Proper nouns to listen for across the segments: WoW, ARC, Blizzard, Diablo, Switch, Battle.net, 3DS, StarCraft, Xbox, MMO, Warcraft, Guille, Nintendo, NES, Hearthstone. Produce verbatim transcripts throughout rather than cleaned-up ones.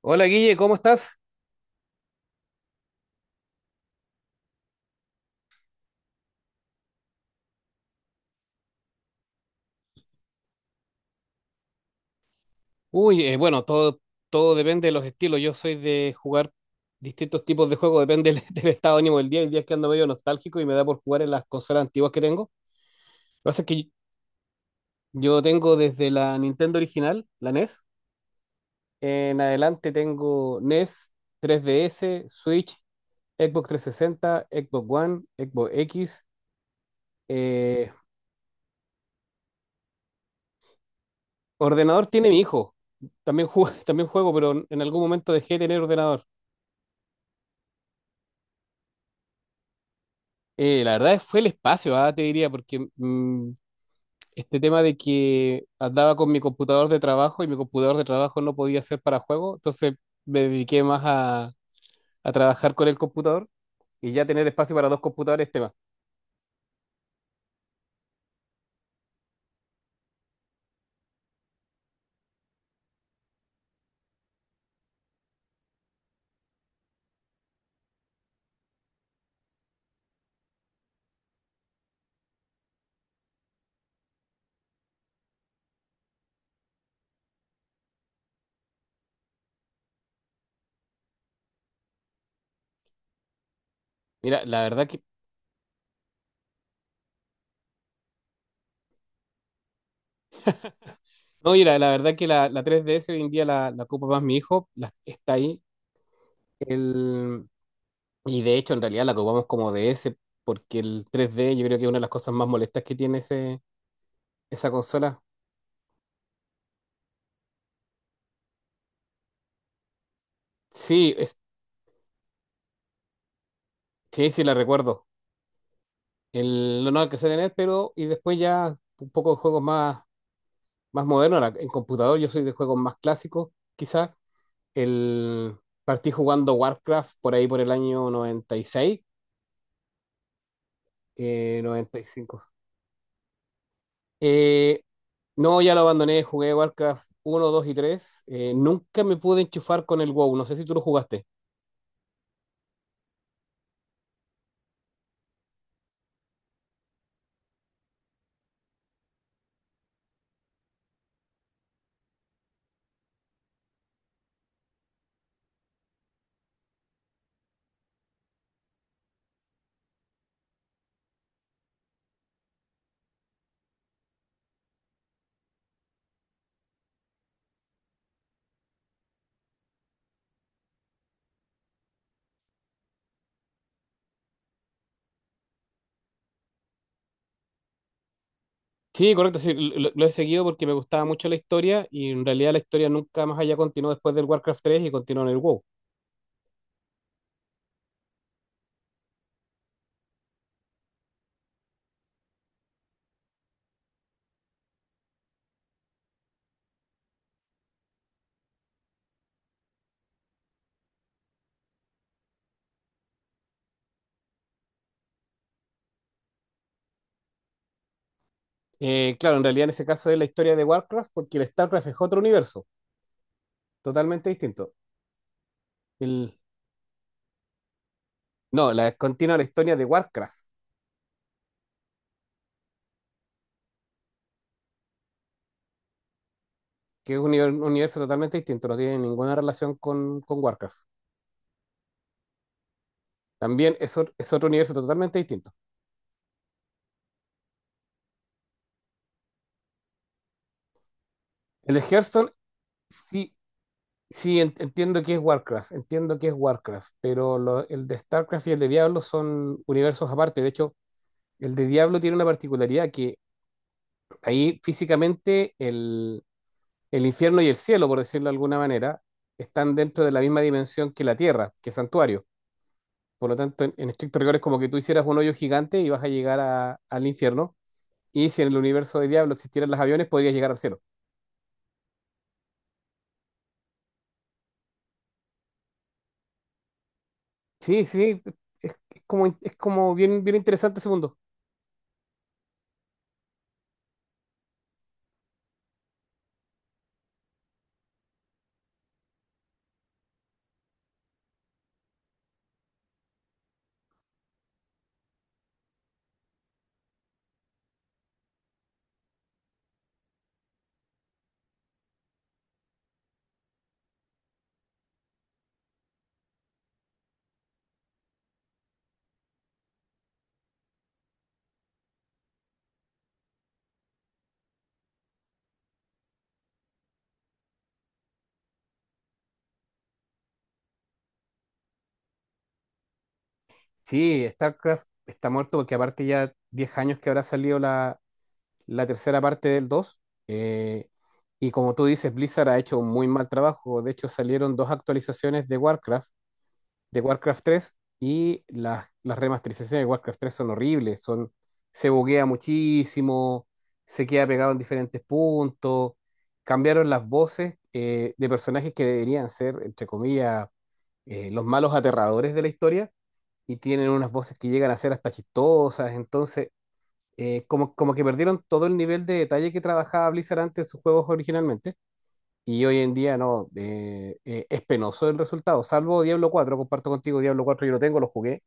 Hola Guille, ¿cómo estás? Uy, eh, bueno, todo, todo depende de los estilos. Yo soy de jugar distintos tipos de juegos, depende del, del estado de ánimo del día. El día es que ando medio nostálgico y me da por jugar en las consolas antiguas que tengo. Lo que pasa es que yo tengo desde la Nintendo original, la N E S. En adelante tengo N E S, tres D S, Switch, Xbox trescientos sesenta, Xbox One, Xbox X. eh, Ordenador tiene mi hijo. También juego, también juego, pero en algún momento dejé de tener ordenador. Eh, la verdad fue el espacio, ah, te diría, porque mm, este tema de que andaba con mi computador de trabajo y mi computador de trabajo no podía ser para juego, entonces me dediqué más a, a trabajar con el computador y ya tener espacio para dos computadores, tema. Mira, la verdad que, no, mira, la verdad que la, la tres D S hoy en día la, la ocupa más mi hijo, la- está ahí. El, y de hecho, en realidad la ocupamos como D S, porque el tres D yo creo que es una de las cosas más molestas que tiene ese, esa consola. Sí, es, sí, sí, la recuerdo. El no, que se a pero y después ya un poco de juegos más, más modernos. Ahora, en computador yo soy de juegos más clásicos, quizás. El, Partí jugando Warcraft por ahí por el año noventa y seis, eh, noventa y cinco. Eh, no, ya lo abandoné, jugué Warcraft uno dos y tres. Eh, nunca me pude enchufar con el WoW, no sé si tú lo jugaste. Sí, correcto, sí, lo, lo he seguido porque me gustaba mucho la historia y en realidad la historia nunca más allá continuó después del Warcraft tres y continuó en el WoW. Eh, claro, en realidad en ese caso es la historia de Warcraft porque el StarCraft es otro universo, totalmente distinto. El, no, la, continúa la historia de Warcraft, que es un, univer- un universo totalmente distinto, no tiene ninguna relación con, con Warcraft. También es, ot- es otro universo totalmente distinto. El de Hearthstone, sí, sí en- entiendo que es Warcraft, entiendo que es Warcraft, pero lo- el de StarCraft y el de Diablo son universos aparte. De hecho, el de Diablo tiene una particularidad que ahí físicamente el el infierno y el cielo, por decirlo de alguna manera, están dentro de la misma dimensión que la tierra, que es santuario. Por lo tanto, en, en estricto rigor es como que tú hicieras un hoyo gigante y vas a llegar a- al infierno. Y si en el universo de Diablo existieran los aviones, podrías llegar al cielo. Sí, sí, es, es como, es como bien, bien interesante ese mundo. Sí, StarCraft está muerto porque aparte ya diez años que habrá salido la, la tercera parte del dos. eh, y como tú dices, Blizzard ha hecho un muy mal trabajo. De hecho, salieron dos actualizaciones de Warcraft de Warcraft tres y las, las remasterizaciones de Warcraft tres son horribles. Son, se buguea muchísimo, se queda pegado en diferentes puntos, cambiaron las voces, eh, de personajes que deberían ser, entre comillas, eh, los malos aterradores de la historia, y tienen unas voces que llegan a ser hasta chistosas. Entonces eh, como, como que perdieron todo el nivel de detalle que trabajaba Blizzard antes en sus juegos originalmente, y hoy en día no. Eh, eh, es penoso el resultado, salvo Diablo cuatro. Comparto contigo, Diablo cuatro yo lo tengo, lo jugué.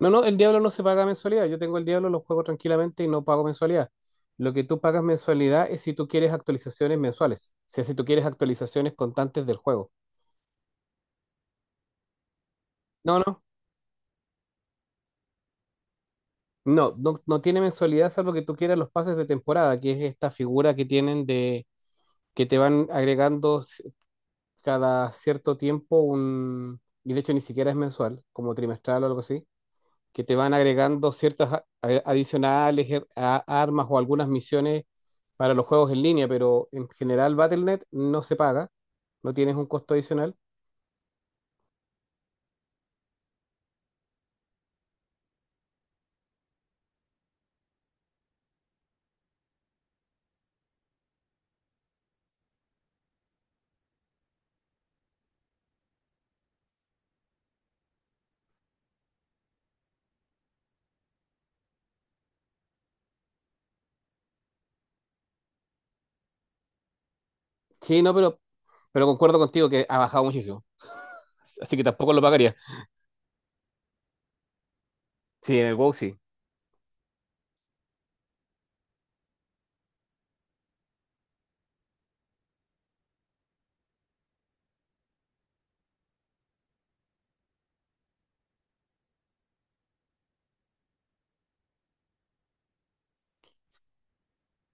No, no, el Diablo no se paga mensualidad, yo tengo el Diablo, lo juego tranquilamente y no pago mensualidad. Lo que tú pagas mensualidad es si tú quieres actualizaciones mensuales, o sea, si tú quieres actualizaciones constantes del juego. No, no, no, no, no tiene mensualidad salvo que tú quieras los pases de temporada, que es esta figura que tienen de que te van agregando, ci- cada cierto tiempo, un, y de hecho ni siquiera es mensual, como trimestral o algo así, que te van agregando ciertas a- a- adicionales, er- a- armas o algunas misiones para los juegos en línea. Pero en general battle punto net no se paga, no tienes un costo adicional. Sí, no, pero, pero concuerdo contigo que ha bajado muchísimo, así que tampoco lo pagaría. Sí, en el WoW sí.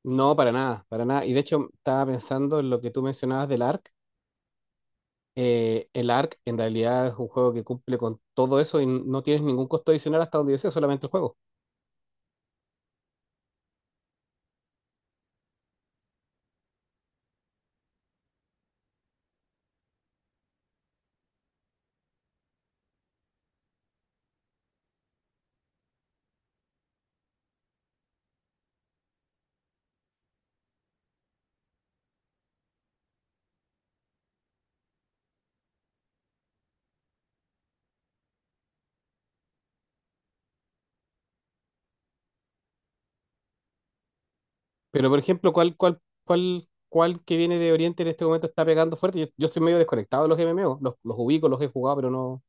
No, para nada, para nada. Y de hecho estaba pensando en lo que tú mencionabas del ARC. Eh, el ARC en realidad es un juego que cumple con todo eso y no tienes ningún costo adicional hasta donde yo sé, solamente el juego. Pero, por ejemplo, ¿cuál, cuál, cuál, cuál que viene de Oriente en este momento está pegando fuerte? Yo, yo estoy medio desconectado de los M M O, los, los ubico, los he jugado, pero no.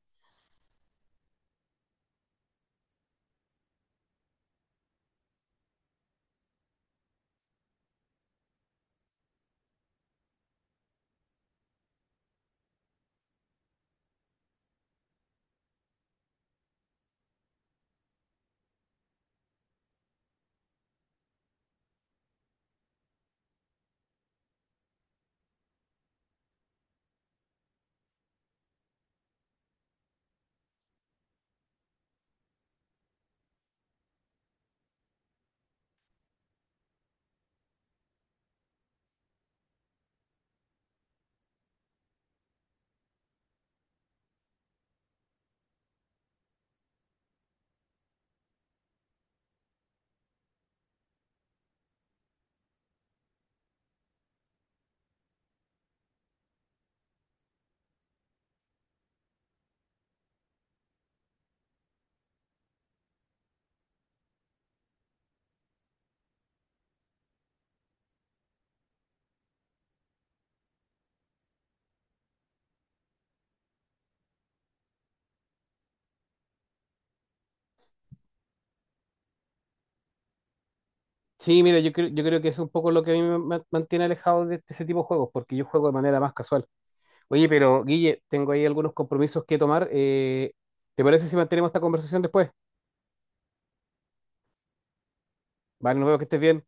Sí, mira, yo creo, yo creo que es un poco lo que a mí me ma- mantiene alejado de, este, ese tipo de juegos, porque yo juego de manera más casual. Oye, pero Guille, tengo ahí algunos compromisos que tomar. Eh, ¿te parece si mantenemos esta conversación después? Vale, nos vemos, que estés bien.